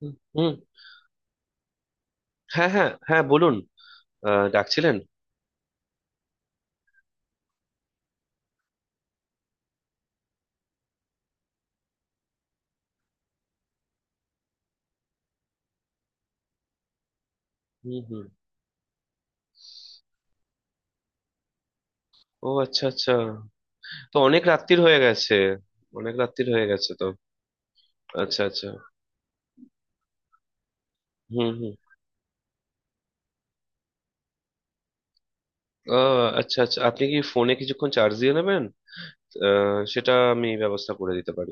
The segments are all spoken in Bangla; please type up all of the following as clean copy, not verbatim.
হুম হুম, হ্যাঁ হ্যাঁ হ্যাঁ, বলুন। ডাকছিলেন? হুম হুম। ও, আচ্ছা আচ্ছা। তো অনেক রাত্তির হয়ে গেছে। অনেক রাত্তির হয়ে গেছে তো। আচ্ছা আচ্ছা। হুম হুম। আচ্ছা আচ্ছা, আপনি কি ফোনে কিছুক্ষণ চার্জ দিয়ে নেবেন? সেটা আমি ব্যবস্থা করে দিতে পারি।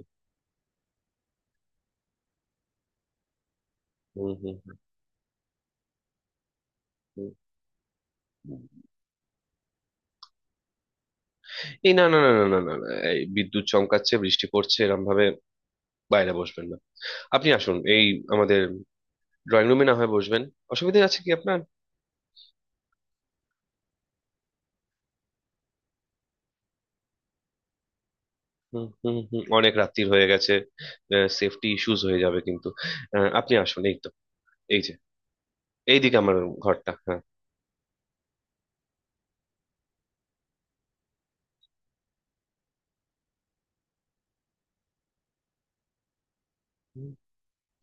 হুম হুম হুম। হুম। এই না না না না না না না, এই বিদ্যুৎ চমকাচ্ছে, বৃষ্টি পড়ছে এরম ভাবে। বাইরে বসবেন না। আপনি আসুন, এই আমাদের ড্রয়িং রুমে না হয় বসবেন। অসুবিধা আছে কি আপনার? হুম হুম হুম। অনেক রাত্তির হয়ে গেছে। সেফটি ইস্যুস হয়ে যাবে কিন্তু। আপনি আসুন, এই তো, এই যে, এইদিকে আমার ঘরটা, হ্যাঁ।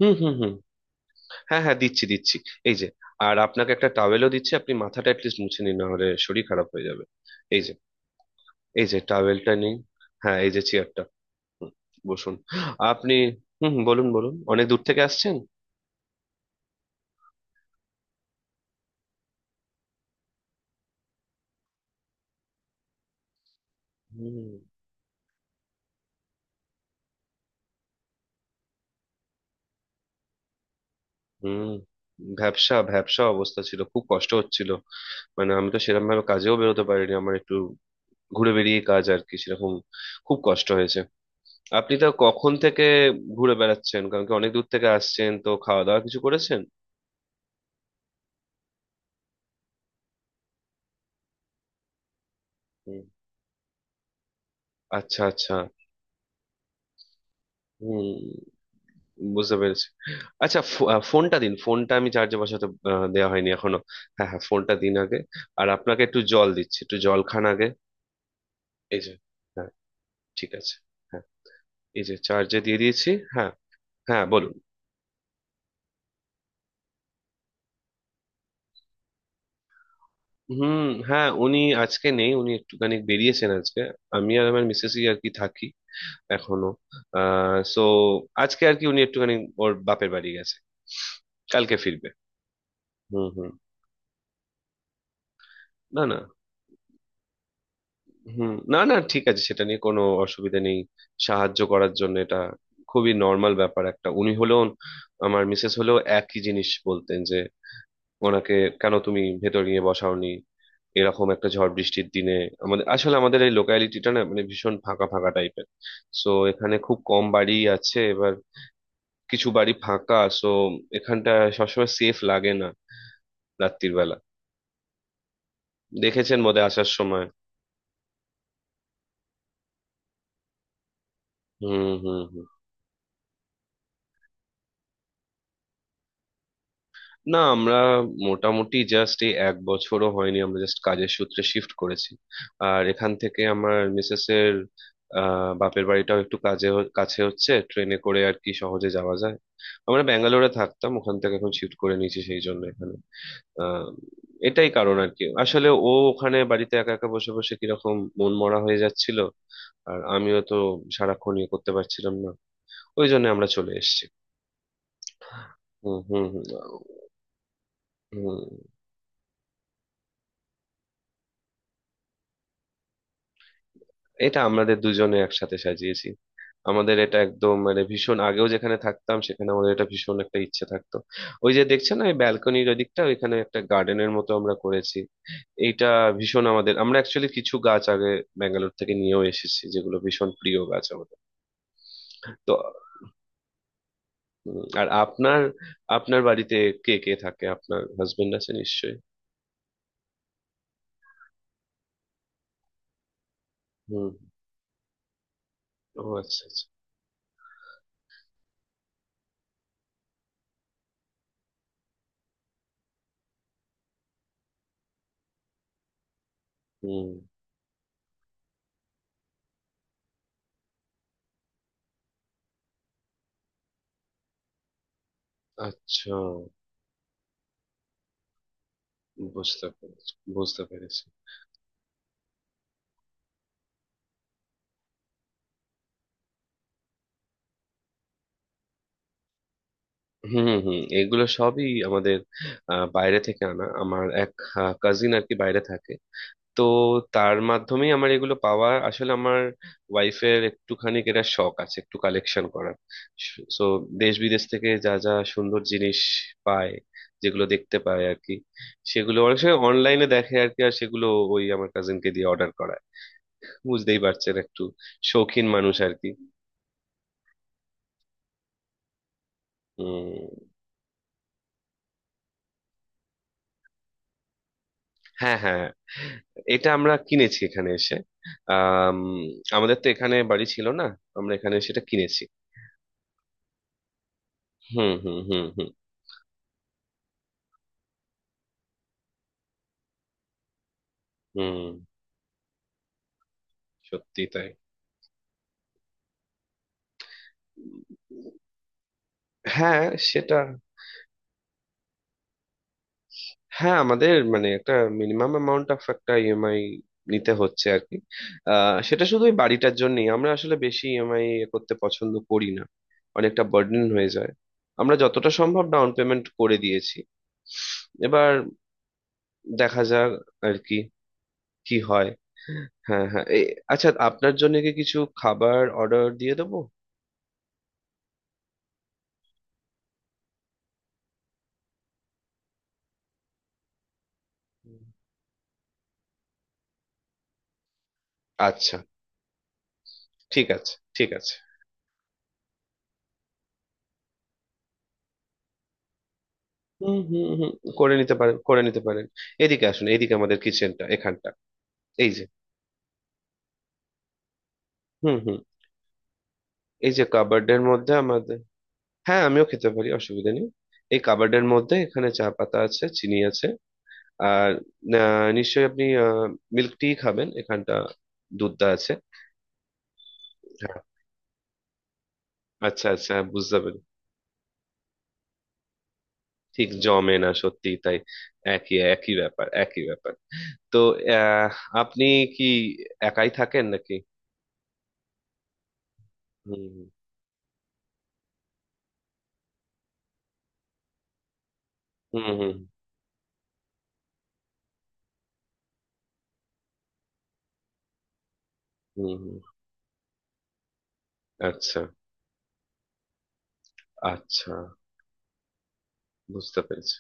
হুম হুম হুম। হ্যাঁ হ্যাঁ, দিচ্ছি দিচ্ছি। এই যে। আর আপনাকে একটা টাওয়েলও দিচ্ছি, আপনি মাথাটা অ্যাটলিস্ট মুছে নিন, না হলে শরীর খারাপ হয়ে যাবে। এই যে, এই যে টাওয়েলটা নিন। হ্যাঁ, এই যে চেয়ারটা। হুম, বসুন। আপনি। হুম হুম, বলুন বলুন, অনেক দূর থেকে আসছেন? হুম হুম। ভ্যাবসা ভ্যাবসা অবস্থা ছিল, খুব কষ্ট হচ্ছিল। মানে আমি তো সেরকম ভাবে কাজেও বেরোতে পারিনি, আমার একটু ঘুরে বেরিয়ে কাজ আর কি সেরকম। খুব কষ্ট হয়েছে। আপনি তো কখন থেকে ঘুরে বেড়াচ্ছেন, কারণ কি অনেক দূর থেকে আসছেন তো, খাওয়া দাওয়া কিছু করেছেন? হুম, আচ্ছা আচ্ছা। হুম, বুঝতে পেরেছি। আচ্ছা, ফোনটা দিন, ফোনটা আমি চার্জে বসাতে দেওয়া হয়নি এখনো। হ্যাঁ হ্যাঁ, ফোনটা দিন আগে। আর আপনাকে একটু জল দিচ্ছি, একটু জল খান আগে। এই যে। হ্যাঁ, ঠিক আছে। হ্যাঁ, এই যে চার্জে দিয়ে দিয়েছি। হ্যাঁ হ্যাঁ, বলুন। হুম, হ্যাঁ উনি আজকে নেই, উনি একটুখানি বেরিয়েছেন আজকে। আমি আর আমার মিসেসই আর কি থাকি এখনো। সো, আজকে আর কি উনি একটুখানি ওর বাপের বাড়ি গেছে, কালকে ফিরবে। হুম হুম। না না। হুম, না না, ঠিক আছে, সেটা নিয়ে কোনো অসুবিধা নেই। সাহায্য করার জন্য এটা খুবই নর্মাল ব্যাপার একটা। উনি হলেও, আমার মিসেস হলেও একই জিনিস বলতেন, যে ওনাকে কেন তুমি ভেতর নিয়ে বসাওনি এরকম একটা ঝড় বৃষ্টির দিনে। আমাদের আসলে আমাদের এই লোকালিটিটা না মানে ভীষণ ফাঁকা ফাঁকা টাইপের। সো এখানে খুব কম বাড়ি আছে, এবার কিছু বাড়ি ফাঁকা, সো এখানটা সবসময় সেফ লাগে না রাত্রির বেলা। দেখেছেন বোধহয় আসার সময়। হুম হুম হুম। না, আমরা মোটামুটি জাস্ট এই এক বছরও হয়নি, আমরা জাস্ট কাজের সূত্রে শিফট করেছি। আর এখান থেকে আমার মিসেস এর বাপের বাড়িটাও একটু কাজে কাছে হচ্ছে, ট্রেনে করে আর কি সহজে যাওয়া যায়। আমরা ব্যাঙ্গালোরে থাকতাম, ওখান থেকে এখন শিফট করে নিয়েছি সেই জন্য এখানে। আহ, এটাই কারণ আর কি, আসলে ও ওখানে বাড়িতে একা একা বসে বসে কিরকম মন মরা হয়ে যাচ্ছিল। আর আমিও তো সারাক্ষণ ইয়ে করতে পারছিলাম না, ওই জন্য আমরা চলে এসেছি। হুম হুম হুম। হুম। এটা আমাদের দুজনে একসাথে সাজিয়েছি। আমাদের এটা একদম মানে ভীষণ আগেও যেখানে থাকতাম সেখানে আমাদের এটা ভীষণ একটা ইচ্ছে থাকতো। ওই যে দেখছেন না, এই ব্যালকনির ওদিকটা, ওইখানে একটা গার্ডেনের মতো আমরা করেছি। এইটা ভীষণ আমাদের, আমরা অ্যাকচুয়ালি কিছু গাছ আগে ব্যাঙ্গালোর থেকে নিয়েও এসেছি, যেগুলো ভীষণ প্রিয় গাছ আমাদের। তো আর আপনার, আপনার বাড়িতে কে কে থাকে, আপনার হাজবেন্ড আছে নিশ্চয়ই? হুম। ও আচ্ছা আচ্ছা। হুম। আচ্ছা, বুঝতে পেরেছি বুঝতে পেরেছি। হুম হুম, এগুলো সবই আমাদের বাইরে থেকে আনা। আমার এক কাজিন আর কি বাইরে থাকে, তো তার মাধ্যমেই আমার এগুলো পাওয়া। আসলে আমার ওয়াইফের একটুখানি এটা শখ আছে একটু কালেকশন করার। সো দেশ বিদেশ থেকে যা যা সুন্দর জিনিস পায়, যেগুলো দেখতে পায় আর কি, সেগুলো অনেক সময় অনলাইনে দেখে আর কি, আর সেগুলো ওই আমার কাজিনকে দিয়ে অর্ডার করায়। বুঝতেই পারছেন একটু শৌখিন মানুষ আর কি। উম, হ্যাঁ হ্যাঁ। এটা আমরা কিনেছি এখানে এসে। আম, আমাদের তো এখানে বাড়ি ছিল না, আমরা এখানে সেটা কিনেছি। হুম হুম হুম হুম। হুম। সত্যি তাই। হ্যাঁ, সেটা, হ্যাঁ আমাদের মানে একটা মিনিমাম অ্যামাউন্ট অফ একটা ইএমআই নিতে হচ্ছে আর কি। সেটা শুধু ওই বাড়িটার জন্যই, আমরা আসলে বেশি ইএমআই করতে পছন্দ করি না, অনেকটা বার্ডেন হয়ে যায়। আমরা যতটা সম্ভব ডাউন পেমেন্ট করে দিয়েছি এবার, দেখা যাক আর কি কি হয়। হ্যাঁ হ্যাঁ, এই আচ্ছা, আপনার জন্য কি কিছু খাবার অর্ডার দিয়ে দেবো? আচ্ছা, ঠিক আছে, ঠিক আছে। হুম হুম হুম, করে নিতে পারেন করে নিতে পারেন। এদিকে আসুন, এদিকে আমাদের কিচেনটা এখানটা, এই যে। হুম হুম, এই যে কাবার্ডের মধ্যে আমাদের। হ্যাঁ, আমিও খেতে পারি, অসুবিধা নেই। এই কাবার্ডের মধ্যে এখানে চা পাতা আছে, চিনি আছে। আর নিশ্চয়ই আপনি মিল্ক টি খাবেন, এখানটা দুধটা আছে। হ্যাঁ, আচ্ছা আচ্ছা হ্যাঁ, বুঝতে পারি। ঠিক জমে না, সত্যি তাই। একই একই ব্যাপার, একই ব্যাপার। তো আহ, আপনি কি একাই থাকেন নাকি? হুম হুম হুম হুম হুম, হুম। আচ্ছা আচ্ছা। বুঝতে পেরেছি।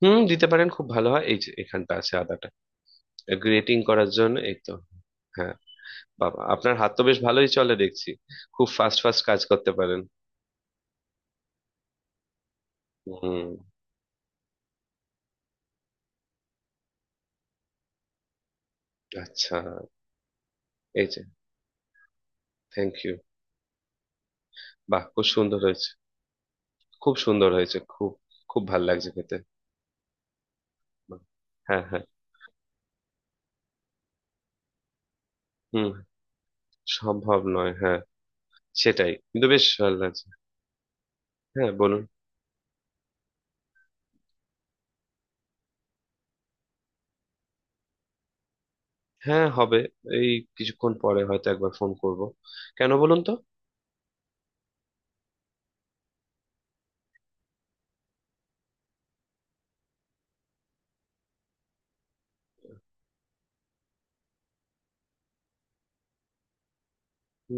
হুম, দিতে পারেন, খুব ভালো হয়। এই যে এখানটা আছে আদাটা, গ্রেটিং করার জন্য, এই তো। হ্যাঁ। বাবা, আপনার হাত তো বেশ ভালোই চলে দেখছি, খুব ফাস্ট ফাস্ট কাজ করতে পারেন। হুম। আচ্ছা। এই যে, থ্যাংক ইউ। বাহ, খুব সুন্দর হয়েছে। খুব সুন্দর হয়েছে, খুব। খুব ভালো লাগছে খেতে। বাহ, হ্যাঁ হ্যাঁ। হুম, সম্ভব নয় হ্যাঁ। সেটাই, কিন্তু বেশ ভালো লাগছে। হ্যাঁ, বলুন। হ্যাঁ, হবে। এই কিছুক্ষণ পরে হয়তো একবার ফোন করব। কেন বলুন তো?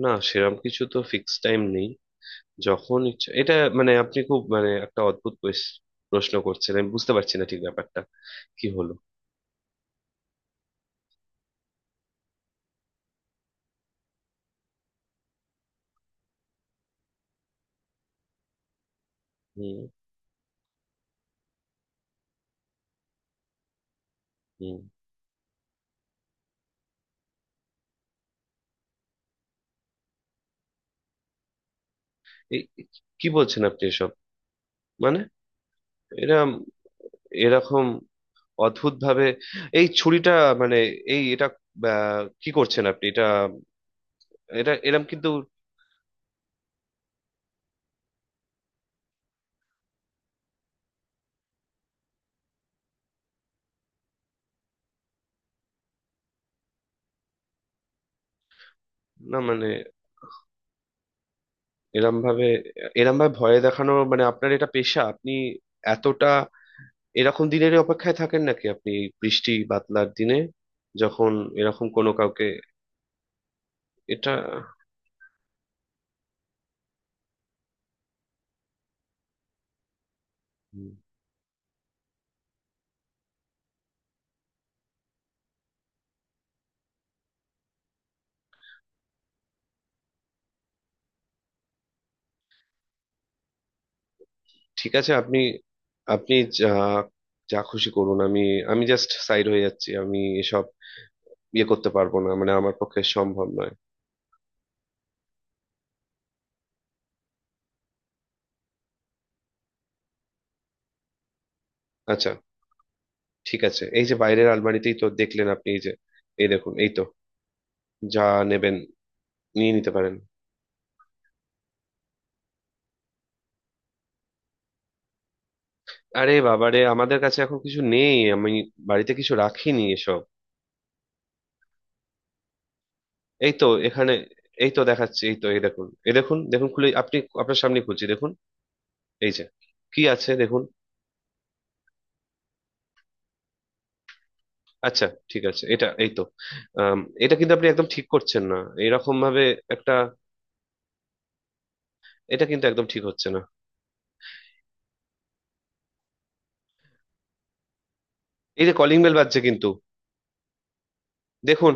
না, সেরকম কিছু তো ফিক্স টাইম নেই, যখন ইচ্ছা। এটা মানে আপনি খুব মানে একটা অদ্ভুত প্রশ্ন করছেন, আমি বুঝতে পারছি না ঠিক ব্যাপারটা কি হলো। হুম হুম। এই, কি বলছেন আপনি এসব? মানে এরা এরকম অদ্ভুত ভাবে এই ছুরিটা! মানে এই এটা, কি করছেন আপনি এটা? এটা এরম কিন্তু, না মানে, এরম ভাবে, এরম ভাবে ভয় দেখানো মানে আপনার এটা পেশা? আপনি এতটা এরকম দিনের অপেক্ষায় থাকেন নাকি? আপনি এই বৃষ্টি বাদলার দিনে যখন এরকম কোনো কাউকে এটা। হুম, ঠিক আছে আপনি, আপনি যা যা খুশি করুন, আমি আমি জাস্ট সাইড হয়ে যাচ্ছি, আমি এসব ইয়ে করতে পারবো না মানে আমার পক্ষে সম্ভব নয়। আচ্ছা, ঠিক আছে, এই যে বাইরের আলমারিতেই তো দেখলেন আপনি, এই যে, এই দেখুন, এই তো, যা নেবেন নিয়ে নিতে পারেন। আরে বাবারে, আমাদের কাছে এখন কিছু নেই, আমি বাড়িতে কিছু রাখিনি এসব। এই তো এখানে, এই তো দেখাচ্ছি, এই তো, এই দেখুন এই দেখুন, দেখুন খুলে আপনি, আপনার সামনে খুলছি, দেখুন এই যে কি আছে দেখুন। আচ্ছা, ঠিক আছে, এটা এই তো, আম, এটা কিন্তু আপনি একদম ঠিক করছেন না, এরকম ভাবে একটা, এটা কিন্তু একদম ঠিক হচ্ছে না। এই যে কলিং বেল বাজছে কিন্তু, দেখুন।